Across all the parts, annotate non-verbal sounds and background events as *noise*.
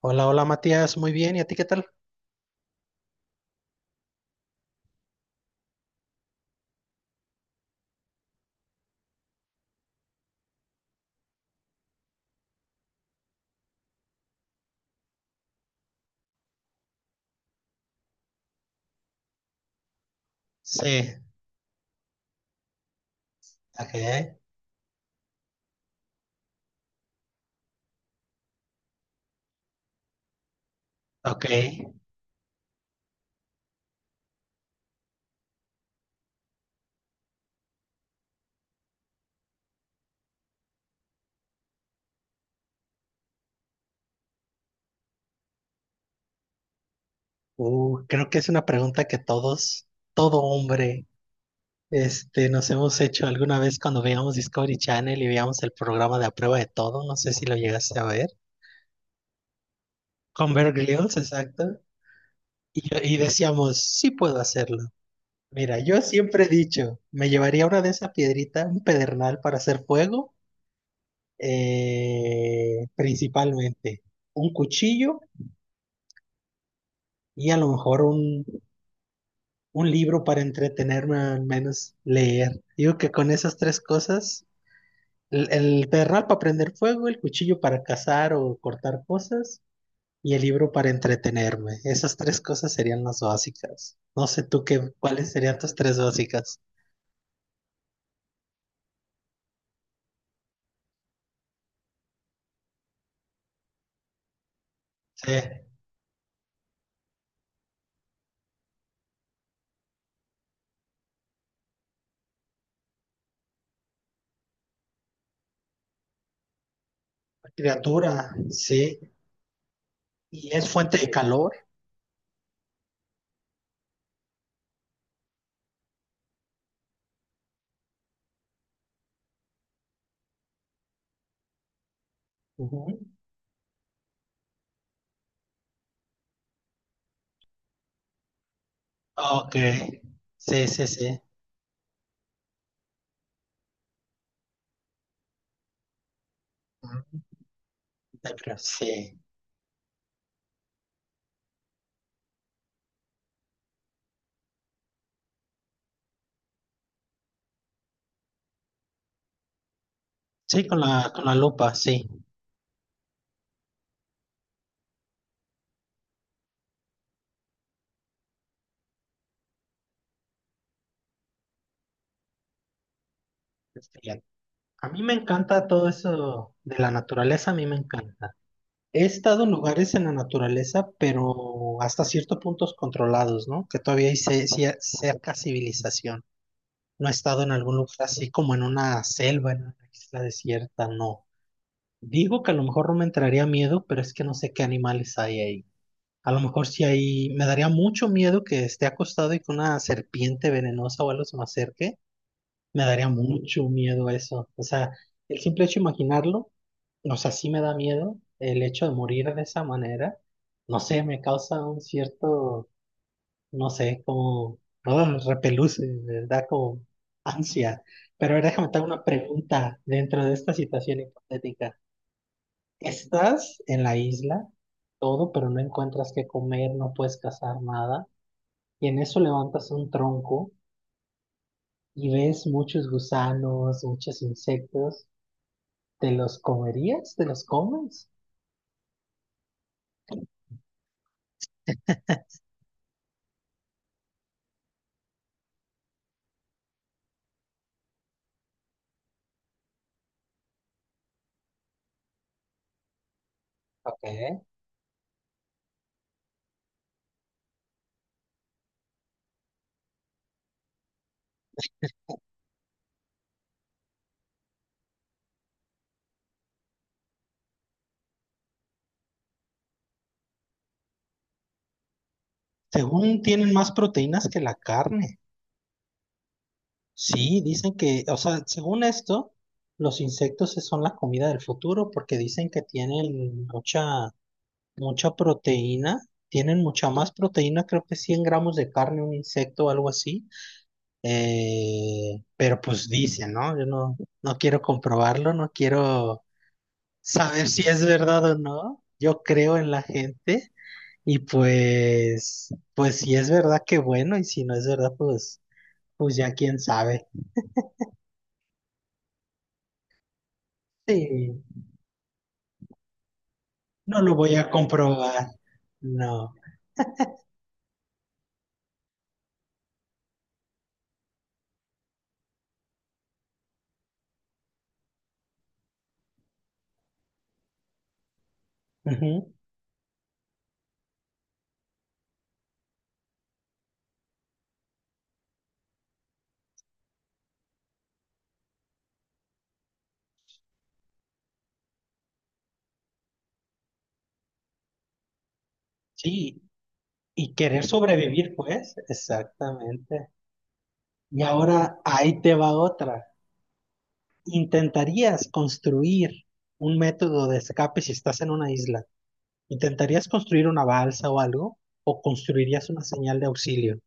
Hola, hola Matías, muy bien, ¿y a ti qué tal? Sí, ok. Ok, creo que es una pregunta que todo hombre, este, nos hemos hecho alguna vez cuando veíamos Discovery Channel y veíamos el programa de A Prueba de Todo, no sé si lo llegaste a ver, con Bear Grylls, exacto, y, y decíamos, sí puedo hacerlo. Mira, yo siempre he dicho, me llevaría una de esa piedrita, un pedernal para hacer fuego, principalmente, un cuchillo y a lo mejor un libro para entretenerme, al menos leer. Digo que con esas tres cosas, el perral para prender fuego, el cuchillo para cazar o cortar cosas y el libro para entretenerme. Esas tres cosas serían las básicas. No sé tú qué, cuáles serían tus tres básicas. Sí, criatura, sí. Y es fuente de calor. Ujú. Ok, sí, sí, sí. Ujú. Sí, sí, con con la lupa, sí. Este, a mí me encanta todo eso de la naturaleza, a mí me encanta. He estado en lugares en la naturaleza, pero hasta ciertos puntos controlados, ¿no? Que todavía hay cerca civilización. No he estado en algún lugar así como en una selva, en una isla desierta, no. Digo que a lo mejor no me entraría miedo, pero es que no sé qué animales hay ahí. A lo mejor si hay, me daría mucho miedo que esté acostado y que una serpiente venenosa o algo se me acerque. Me daría mucho miedo eso. O sea, el simple hecho de imaginarlo. O sea, sí me da miedo el hecho de morir de esa manera. No sé, me causa un cierto, no sé, como ah, repeluce, me da como ansia. Pero ahora déjame te hago una pregunta dentro de esta situación hipotética. Estás en la isla, todo, pero no encuentras qué comer, no puedes cazar nada. Y en eso levantas un tronco y ves muchos gusanos, muchos insectos. ¿Te los comerías? ¿Te los comes? Ok. Según tienen más proteínas que la carne. Sí, dicen que, o sea, según esto, los insectos son la comida del futuro porque dicen que tienen mucha, mucha proteína, tienen mucha más proteína, creo que 100 gramos de carne un insecto o algo así. Pero pues dicen, ¿no? Yo no, no quiero comprobarlo, no quiero saber si es verdad o no. Yo creo en la gente y pues, pues si es verdad, qué bueno, y si no es verdad, pues... Pues ya quién sabe. Sí, no lo voy a comprobar. No. Ujú. Sí, y querer sobrevivir, pues, exactamente. Y ahora ahí te va otra. ¿Intentarías construir un método de escape si estás en una isla? ¿Intentarías construir una balsa o algo? ¿O construirías una señal de auxilio?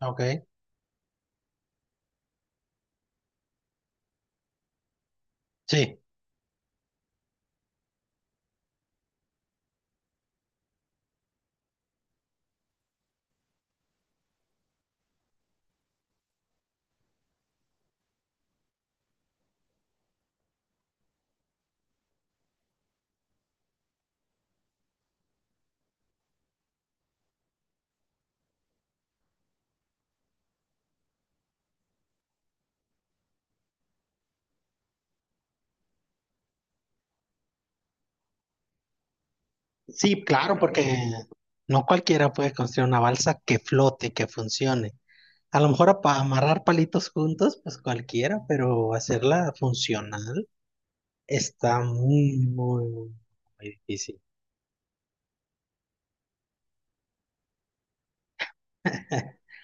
Ok. Sí, sí, claro, porque no cualquiera puede construir una balsa que flote, que funcione. A lo mejor para amarrar palitos juntos, pues cualquiera, pero hacerla funcional está muy, muy, muy, muy difícil. *laughs*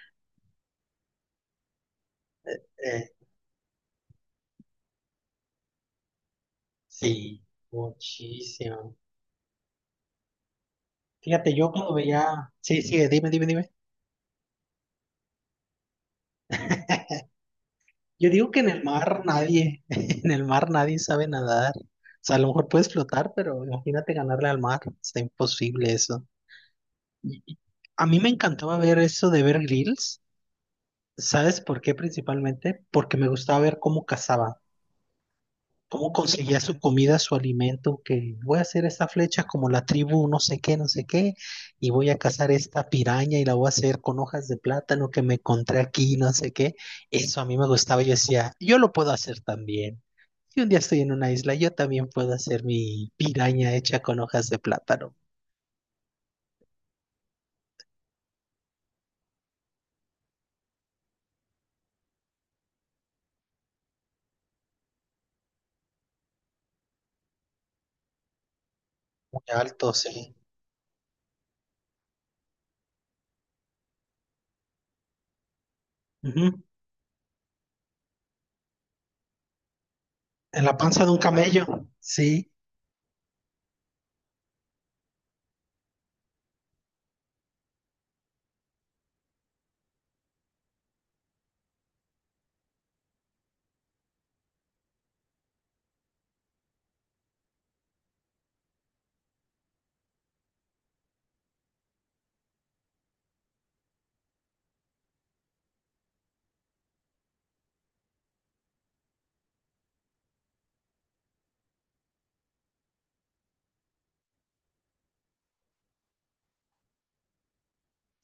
Eh, sí, muchísimo. Fíjate, yo cuando veía, sí, sí, dime, dime, dime. Yo digo que en el mar nadie, *laughs* en el mar nadie sabe nadar. O sea, a lo mejor puedes flotar, pero imagínate ganarle al mar. Está imposible eso. Y a mí me encantaba ver eso de ver grills. ¿Sabes por qué principalmente? Porque me gustaba ver cómo cazaba, cómo conseguía su comida, su alimento, que voy a hacer esta flecha como la tribu, no sé qué, no sé qué, y voy a cazar esta piraña y la voy a hacer con hojas de plátano que me encontré aquí, no sé qué. Eso a mí me gustaba, yo decía, yo lo puedo hacer también. Si un día estoy en una isla, yo también puedo hacer mi piraña hecha con hojas de plátano. Muy alto, sí. Ujú. En la panza de un camello, sí.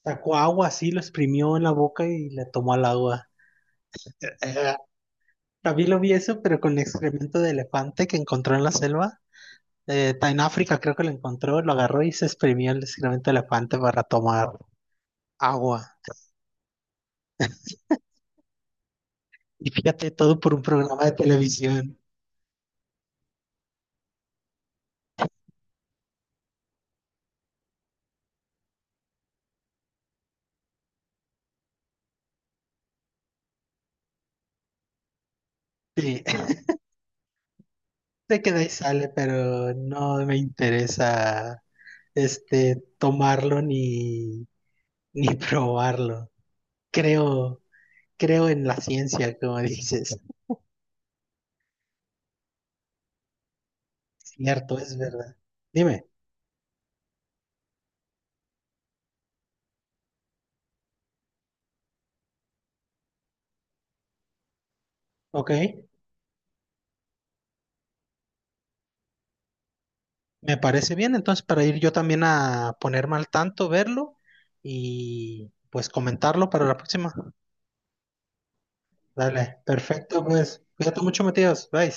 Sacó agua así, lo exprimió en la boca y le tomó al agua. También lo vi eso, pero con excremento de elefante que encontró en la selva. En África creo que lo encontró, lo agarró y se exprimió el excremento de elefante para tomar agua. Y fíjate, todo por un programa de televisión. Sí, *laughs* sé que de ahí sale, pero no me interesa este tomarlo ni, ni probarlo. Creo, Creo en la ciencia, como dices. Cierto, es verdad. Dime, ok. Me parece bien, entonces para ir yo también a ponerme al tanto, verlo y pues comentarlo para la próxima. Dale, perfecto, pues cuídate mucho, Matías. Bye.